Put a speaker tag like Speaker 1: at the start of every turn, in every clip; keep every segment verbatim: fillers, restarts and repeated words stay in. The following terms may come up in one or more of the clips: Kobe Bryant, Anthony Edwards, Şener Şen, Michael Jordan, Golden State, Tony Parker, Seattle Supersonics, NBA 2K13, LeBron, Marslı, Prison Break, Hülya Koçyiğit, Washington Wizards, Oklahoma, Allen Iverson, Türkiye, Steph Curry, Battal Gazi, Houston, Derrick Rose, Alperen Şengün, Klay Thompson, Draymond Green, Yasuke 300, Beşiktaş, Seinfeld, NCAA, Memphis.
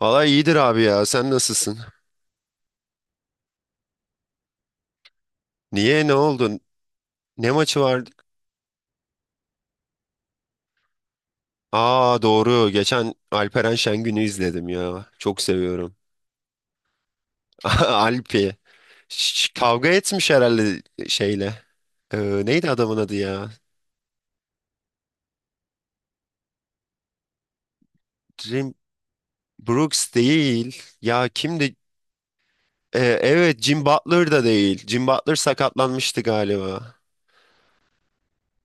Speaker 1: Valla iyidir abi ya. Sen nasılsın? Niye? Ne oldu? Ne maçı vardı? Aa doğru. Geçen Alperen Şengün'ü izledim ya. Çok seviyorum. Alpi. Ş- kavga etmiş herhalde şeyle. Ee, Neydi adamın adı ya? Jim Brooks değil. Ya kimdi? Ee, evet, Jim Butler da değil. Jim Butler sakatlanmıştı galiba.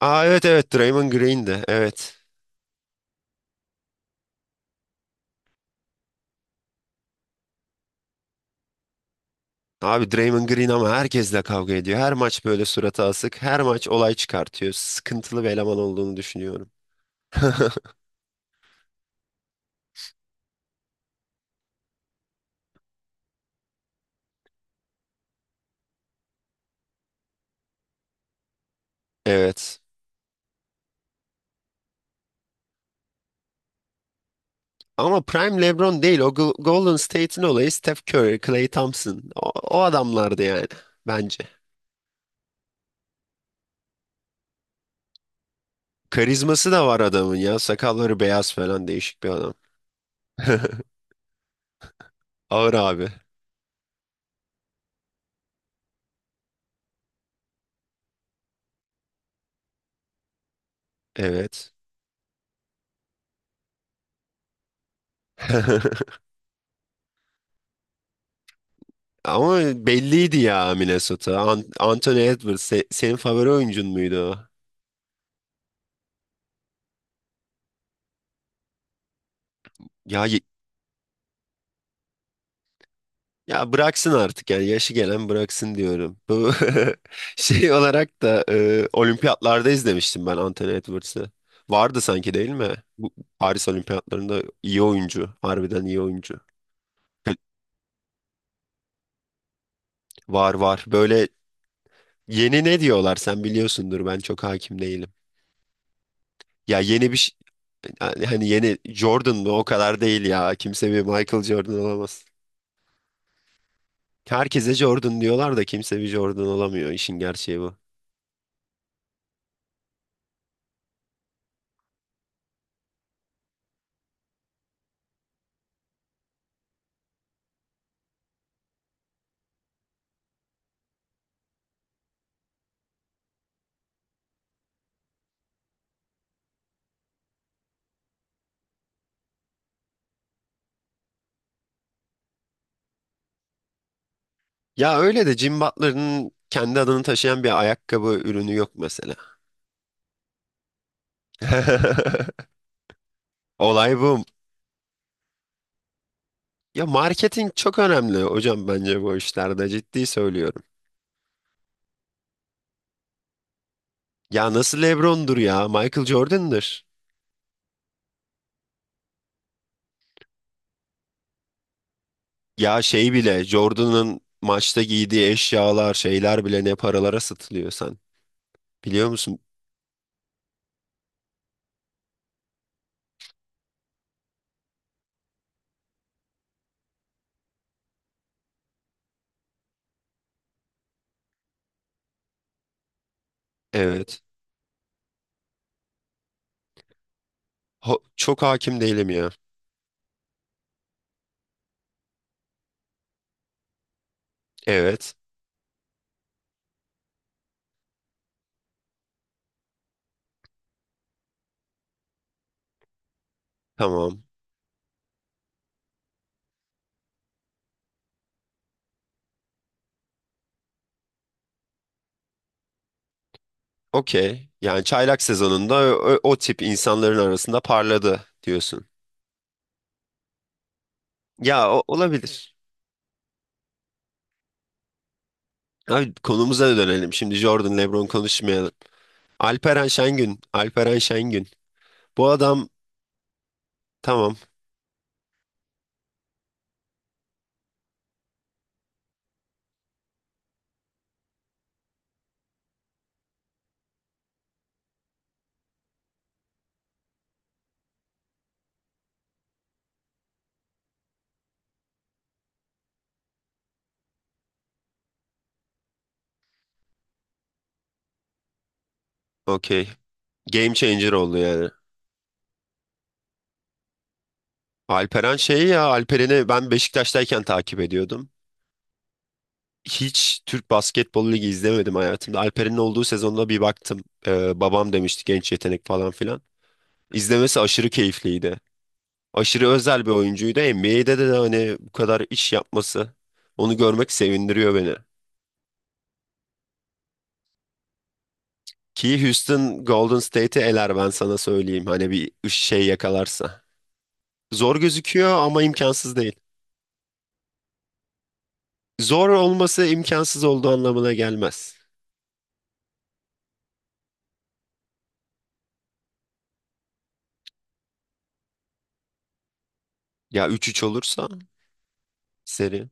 Speaker 1: Aa, evet, evet, Draymond Green'di. Evet. Abi, Draymond Green ama herkesle kavga ediyor. Her maç böyle suratı asık. Her maç olay çıkartıyor. Sıkıntılı bir eleman olduğunu düşünüyorum. Evet. Ama Prime LeBron değil. O Gol- Golden State'in olayı Steph Curry, Klay Thompson. O, o adamlardı yani bence. Karizması da var adamın ya. Sakalları beyaz falan, değişik bir adam. Ağır abi. Evet. Ama belliydi ya Minnesota. An- Anthony Edwards se- senin favori oyuncun muydu o? Ya Ya bıraksın artık yani, yaşı gelen bıraksın diyorum. Bu şey olarak da e, olimpiyatlarda izlemiştim ben Anthony Edwards'ı. Vardı sanki değil mi? Bu Paris olimpiyatlarında iyi oyuncu. Harbiden iyi oyuncu. Var var. Böyle yeni ne diyorlar, sen biliyorsundur, ben çok hakim değilim. Ya yeni bir şey, yani hani yeni Jordan mı, o kadar değil ya. Kimse bir Michael Jordan olamaz. Herkese Jordan diyorlar da kimse bir Jordan olamıyor. İşin gerçeği bu. Ya öyle de Jim Butler'ın kendi adını taşıyan bir ayakkabı ürünü yok mesela. Olay bu. Ya, marketing çok önemli hocam, bence bu işlerde, ciddi söylüyorum. Ya nasıl LeBron'dur ya, Michael Jordan'dır. Ya şey bile, Jordan'ın maçta giydiği eşyalar, şeyler bile ne paralara satılıyor sen. Biliyor musun? Evet. Ho- çok hakim değilim ya. Evet. Tamam. Okey. Yani çaylak sezonunda o, o tip insanların arasında parladı diyorsun. Ya o- olabilir. Abi konumuza dönelim. Şimdi Jordan, LeBron konuşmayalım. Alperen Şengün. Alperen Şengün. Bu adam tamam. Okey. Game changer oldu yani. Alperen şey ya, Alperen'i ben Beşiktaş'tayken takip ediyordum. Hiç Türk Basketbol Ligi izlemedim hayatımda. Alperen'in olduğu sezonda bir baktım. Ee, babam demişti genç yetenek falan filan. İzlemesi aşırı keyifliydi. Aşırı özel bir oyuncuydu. N B A'de de, de hani bu kadar iş yapması, onu görmek sevindiriyor beni. Ki Houston Golden State'i eler, ben sana söyleyeyim. Hani bir şey yakalarsa. Zor gözüküyor ama imkansız değil. Zor olması imkansız olduğu anlamına gelmez. Ya üç üç olursa seri.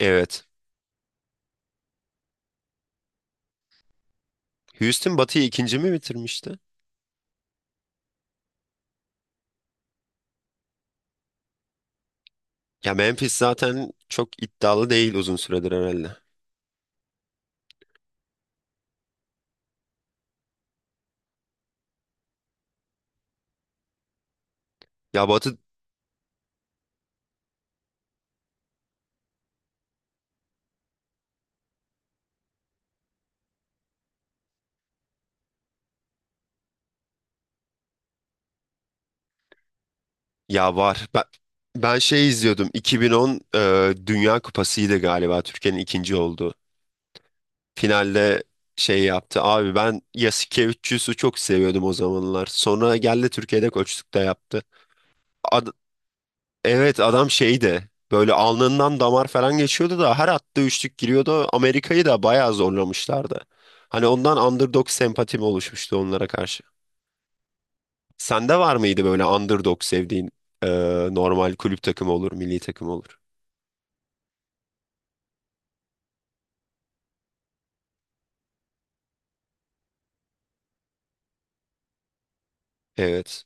Speaker 1: Evet. Houston Batı'yı ikinci mi bitirmişti? Ya Memphis zaten çok iddialı değil uzun süredir herhalde. Ya Batı. Ya var. Ben, ben şey izliyordum. iki bin on e, Dünya Kupası'ydı galiba. Türkiye'nin ikinci olduğu. Finalde şey yaptı. Abi ben Yasuke üç yüzü çok seviyordum o zamanlar. Sonra geldi, Türkiye'de koçluk da yaptı. Ad- evet, adam şeydi. Böyle alnından damar falan geçiyordu da her attığı üçlük giriyordu. Amerika'yı da bayağı zorlamışlardı. Hani ondan underdog sempatim oluşmuştu onlara karşı. Sende var mıydı böyle underdog sevdiğin, e, normal kulüp takımı olur, milli takım olur? Evet.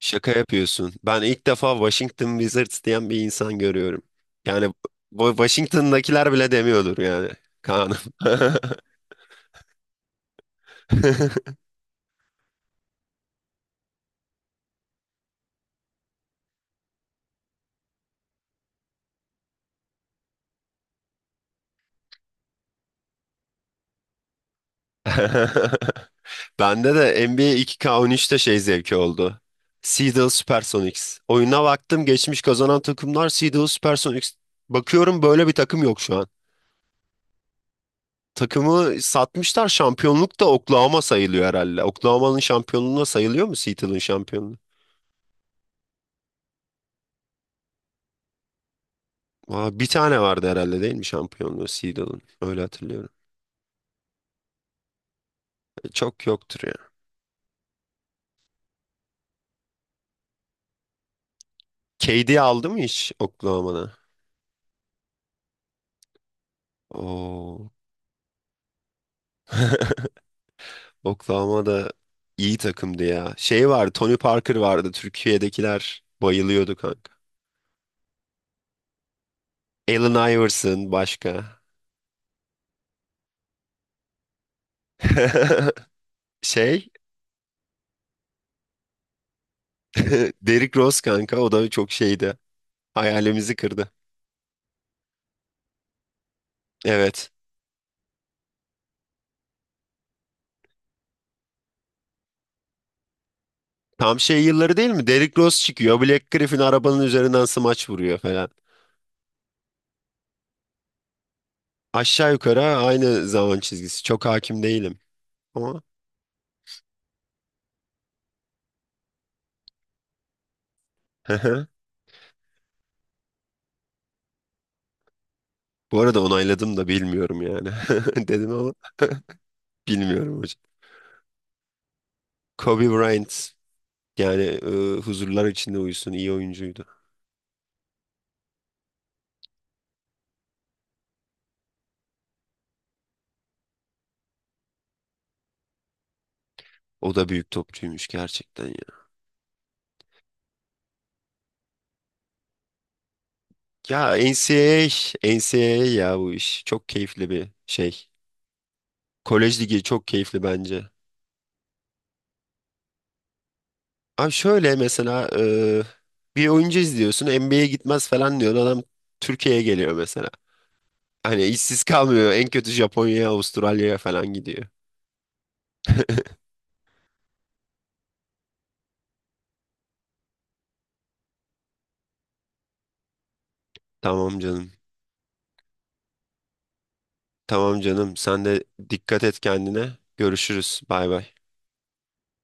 Speaker 1: Şaka yapıyorsun. Ben ilk defa Washington Wizards diyen bir insan görüyorum. Yani bu Washington'dakiler bile demiyordur yani. Kaan'ım. Bende de N B A iki K on üç'te şey zevki oldu. Seattle Supersonics. Oyuna baktım, geçmiş kazanan takımlar Seattle Supersonics. Bakıyorum böyle bir takım yok şu an. Takımı satmışlar, şampiyonluk da Oklahoma sayılıyor herhalde. Oklahoma'nın şampiyonluğuna sayılıyor mu Seattle'ın şampiyonluğu? Aa, bir tane vardı herhalde değil mi şampiyonluğu Seedal'ın? Öyle hatırlıyorum. E, çok yoktur ya. K D aldı mı hiç Oklahoma'da? Oo. Oklahoma'da iyi takımdı ya. Şey vardı, Tony Parker vardı. Türkiye'dekiler bayılıyordu kanka. Allen Iverson başka. Şey, Derrick Rose kanka, o da çok şeydi. Hayalimizi kırdı. Evet. Tam şey yılları değil mi? Derrick Rose çıkıyor. Black Griffin arabanın üzerinden smaç vuruyor falan. Aşağı yukarı aynı zaman çizgisi. Çok hakim değilim ama. Bu arada onayladım da bilmiyorum yani. Dedim ama bilmiyorum hocam. Kobe Bryant yani, e, huzurlar içinde uyusun, iyi oyuncuydu. O da büyük topçuymuş gerçekten ya. Ya N C A A, N C A A ya bu iş. Çok keyifli bir şey. Kolej ligi çok keyifli bence. Abi şöyle mesela, e, bir oyuncu izliyorsun, N B A'ye gitmez falan diyor. Adam Türkiye'ye geliyor mesela. Hani işsiz kalmıyor. En kötü Japonya'ya, Avustralya'ya falan gidiyor. Tamam canım. Tamam canım. Sen de dikkat et kendine. Görüşürüz. Bay bay.